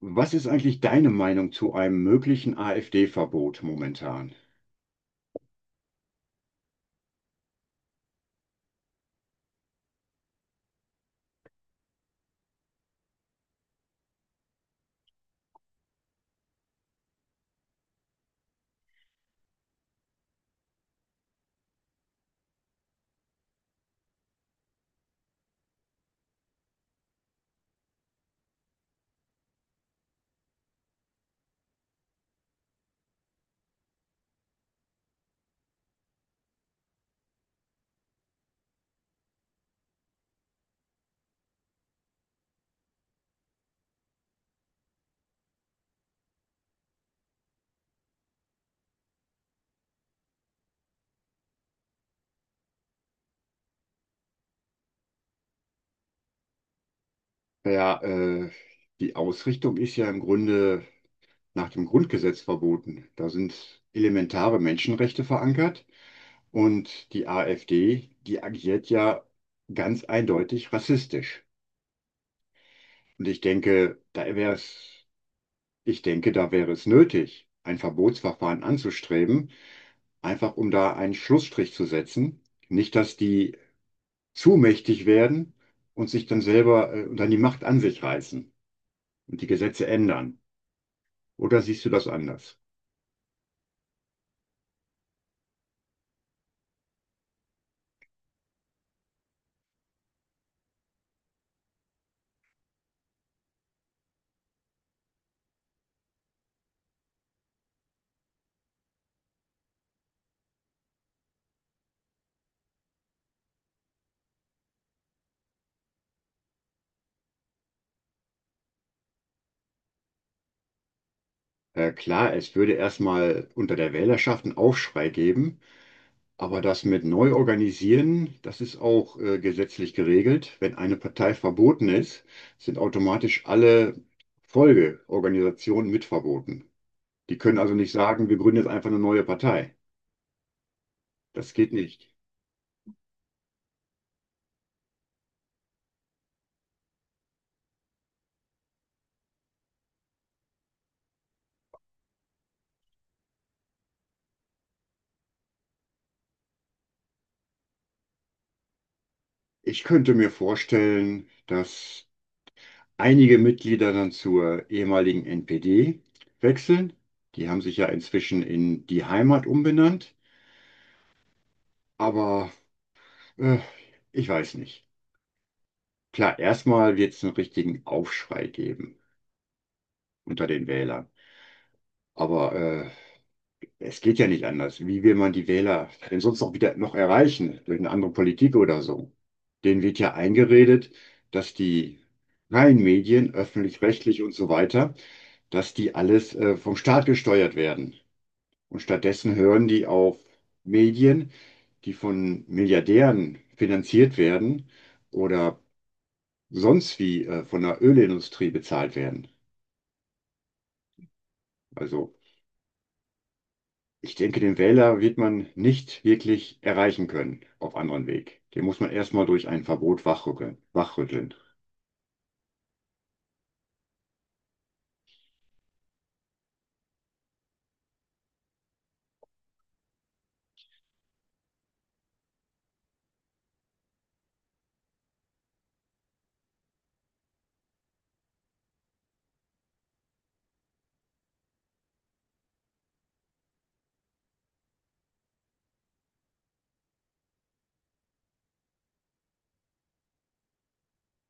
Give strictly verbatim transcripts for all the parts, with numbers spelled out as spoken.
Was ist eigentlich deine Meinung zu einem möglichen AfD-Verbot momentan? Ja, äh, die Ausrichtung ist ja im Grunde nach dem Grundgesetz verboten. Da sind elementare Menschenrechte verankert und die AfD, die agiert ja ganz eindeutig rassistisch. Und ich denke, da wäre es, ich denke, da wäre es nötig, ein Verbotsverfahren anzustreben, einfach um da einen Schlussstrich zu setzen. Nicht, dass die zu mächtig werden und sich dann selber äh, und dann die Macht an sich reißen und die Gesetze ändern. Oder siehst du das anders? Äh, klar, es würde erstmal unter der Wählerschaft einen Aufschrei geben, aber das mit neu organisieren, das ist auch äh, gesetzlich geregelt. Wenn eine Partei verboten ist, sind automatisch alle Folgeorganisationen mit verboten. Die können also nicht sagen, wir gründen jetzt einfach eine neue Partei. Das geht nicht. Ich könnte mir vorstellen, dass einige Mitglieder dann zur ehemaligen N P D wechseln. Die haben sich ja inzwischen in die Heimat umbenannt. Aber Äh, Ich weiß nicht. Klar, erstmal wird es einen richtigen Aufschrei geben unter den Wählern. Aber äh, es geht ja nicht anders. Wie will man die Wähler denn sonst noch wieder noch erreichen? Durch eine andere Politik oder so? Denen wird ja eingeredet, dass die freien Medien, öffentlich-rechtlich und so weiter, dass die alles äh, vom Staat gesteuert werden. Und stattdessen hören die auf Medien, die von Milliardären finanziert werden oder sonst wie äh, von der Ölindustrie bezahlt werden. Also ich denke, den Wähler wird man nicht wirklich erreichen können auf anderen Weg. Den muss man erstmal durch ein Verbot wachrütteln. wachrütteln.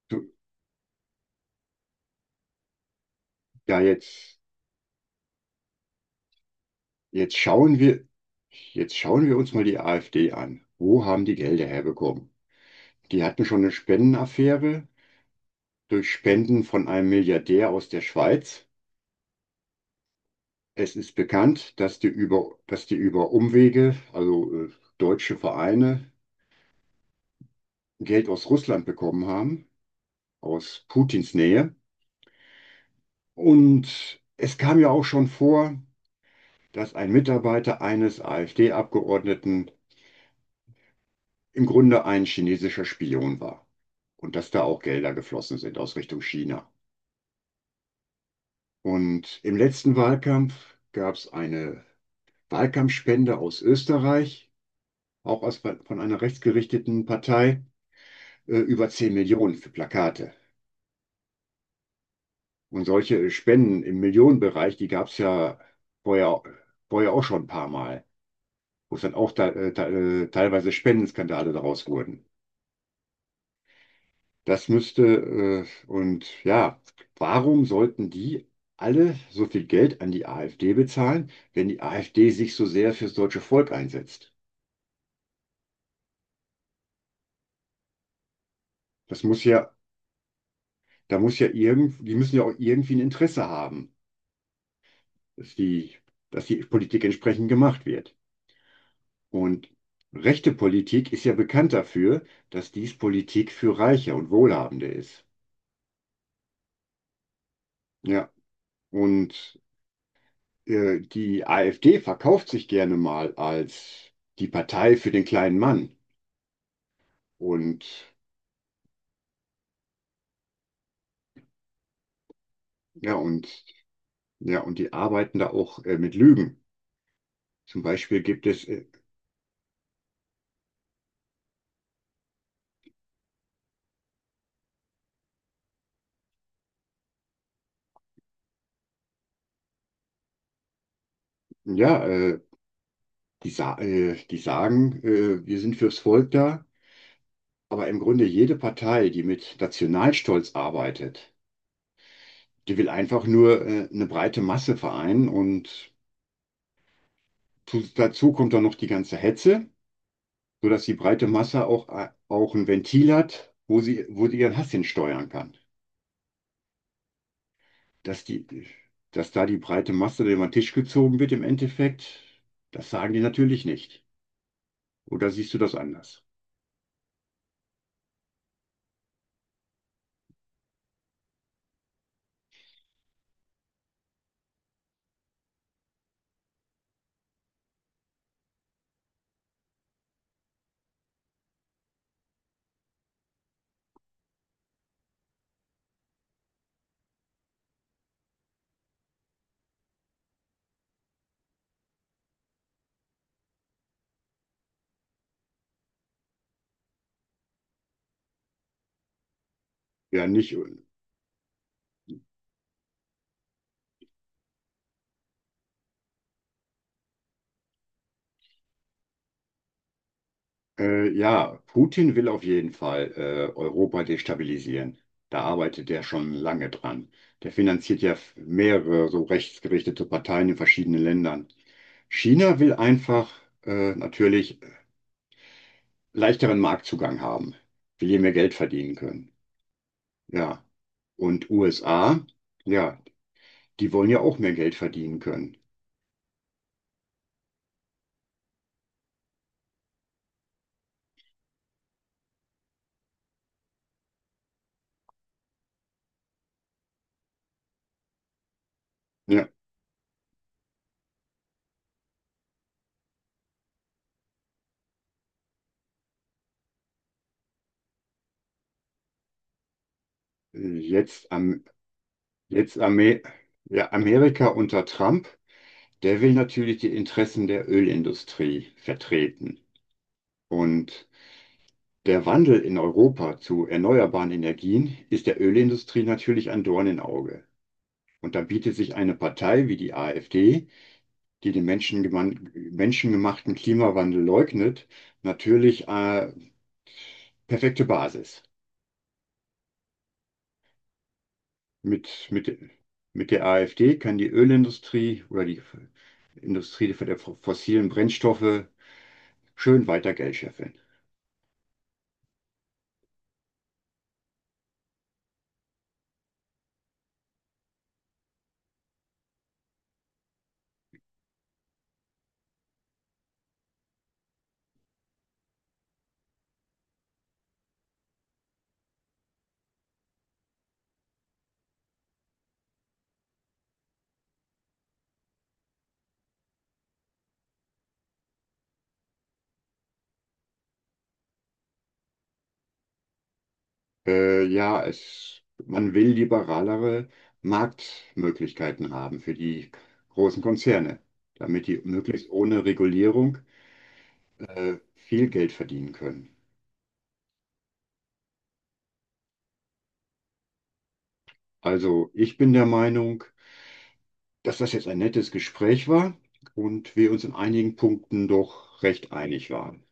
Du, Ja, jetzt, jetzt schauen wir, jetzt schauen wir uns mal die AfD an. Wo haben die Gelder herbekommen? Die hatten schon eine Spendenaffäre durch Spenden von einem Milliardär aus der Schweiz. Es ist bekannt, dass die über, dass die über Umwege, also äh, deutsche Vereine, Geld aus Russland bekommen haben, aus Putins Nähe. Und es kam ja auch schon vor, dass ein Mitarbeiter eines AfD-Abgeordneten im Grunde ein chinesischer Spion war und dass da auch Gelder geflossen sind aus Richtung China. Und im letzten Wahlkampf gab es eine Wahlkampfspende aus Österreich, auch aus, von einer rechtsgerichteten Partei, äh, über zehn Millionen für Plakate. Und solche Spenden im Millionenbereich, die gab es ja vorher, vorher auch schon ein paar Mal, wo es dann auch te äh, te äh, teilweise Spendenskandale daraus wurden. Das müsste, äh, und Ja, warum sollten die alle so viel Geld an die AfD bezahlen, wenn die AfD sich so sehr fürs deutsche Volk einsetzt? Das muss ja, da muss ja irgend, die müssen ja auch irgendwie ein Interesse haben, dass die, dass die Politik entsprechend gemacht wird. Und rechte Politik ist ja bekannt dafür, dass dies Politik für Reiche und Wohlhabende ist. Ja, und äh, die AfD verkauft sich gerne mal als die Partei für den kleinen Mann. Und ja, und ja, und die arbeiten da auch äh, mit Lügen. Zum Beispiel gibt es äh, Ja, äh, die, sa äh, die sagen, äh, wir sind fürs Volk da, aber im Grunde jede Partei, die mit Nationalstolz arbeitet, die will einfach nur äh, eine breite Masse vereinen und zu, dazu kommt dann noch die ganze Hetze, sodass die breite Masse auch, äh, auch ein Ventil hat, wo sie, wo sie ihren Hass hin steuern kann. Dass die, dass da die breite Masse über den Tisch gezogen wird im Endeffekt, das sagen die natürlich nicht. Oder siehst du das anders? Ja, nicht. Äh, ja, Putin will auf jeden Fall äh, Europa destabilisieren. Da arbeitet er schon lange dran. Der finanziert ja f- mehrere so rechtsgerichtete Parteien in verschiedenen Ländern. China will einfach äh, natürlich leichteren Marktzugang haben, will hier mehr Geld verdienen können. Ja, und U S A, ja, die wollen ja auch mehr Geld verdienen können. Ja, äh, jetzt, am, jetzt Amer ja, Amerika unter Trump. Der will natürlich die Interessen der Ölindustrie vertreten. Und der Wandel in Europa zu erneuerbaren Energien ist der Ölindustrie natürlich ein Dorn im Auge. Und da bietet sich eine Partei wie die AfD, die den menschengemachten Klimawandel leugnet, natürlich eine perfekte Basis. Mit, mit, mit der AfD kann die Ölindustrie oder die Industrie der fossilen Brennstoffe schön weiter Geld scheffeln. Äh, ja, es, man will liberalere Marktmöglichkeiten haben für die großen Konzerne, damit die möglichst ohne Regulierung äh, viel Geld verdienen können. Also ich bin der Meinung, dass das jetzt ein nettes Gespräch war und wir uns in einigen Punkten doch recht einig waren.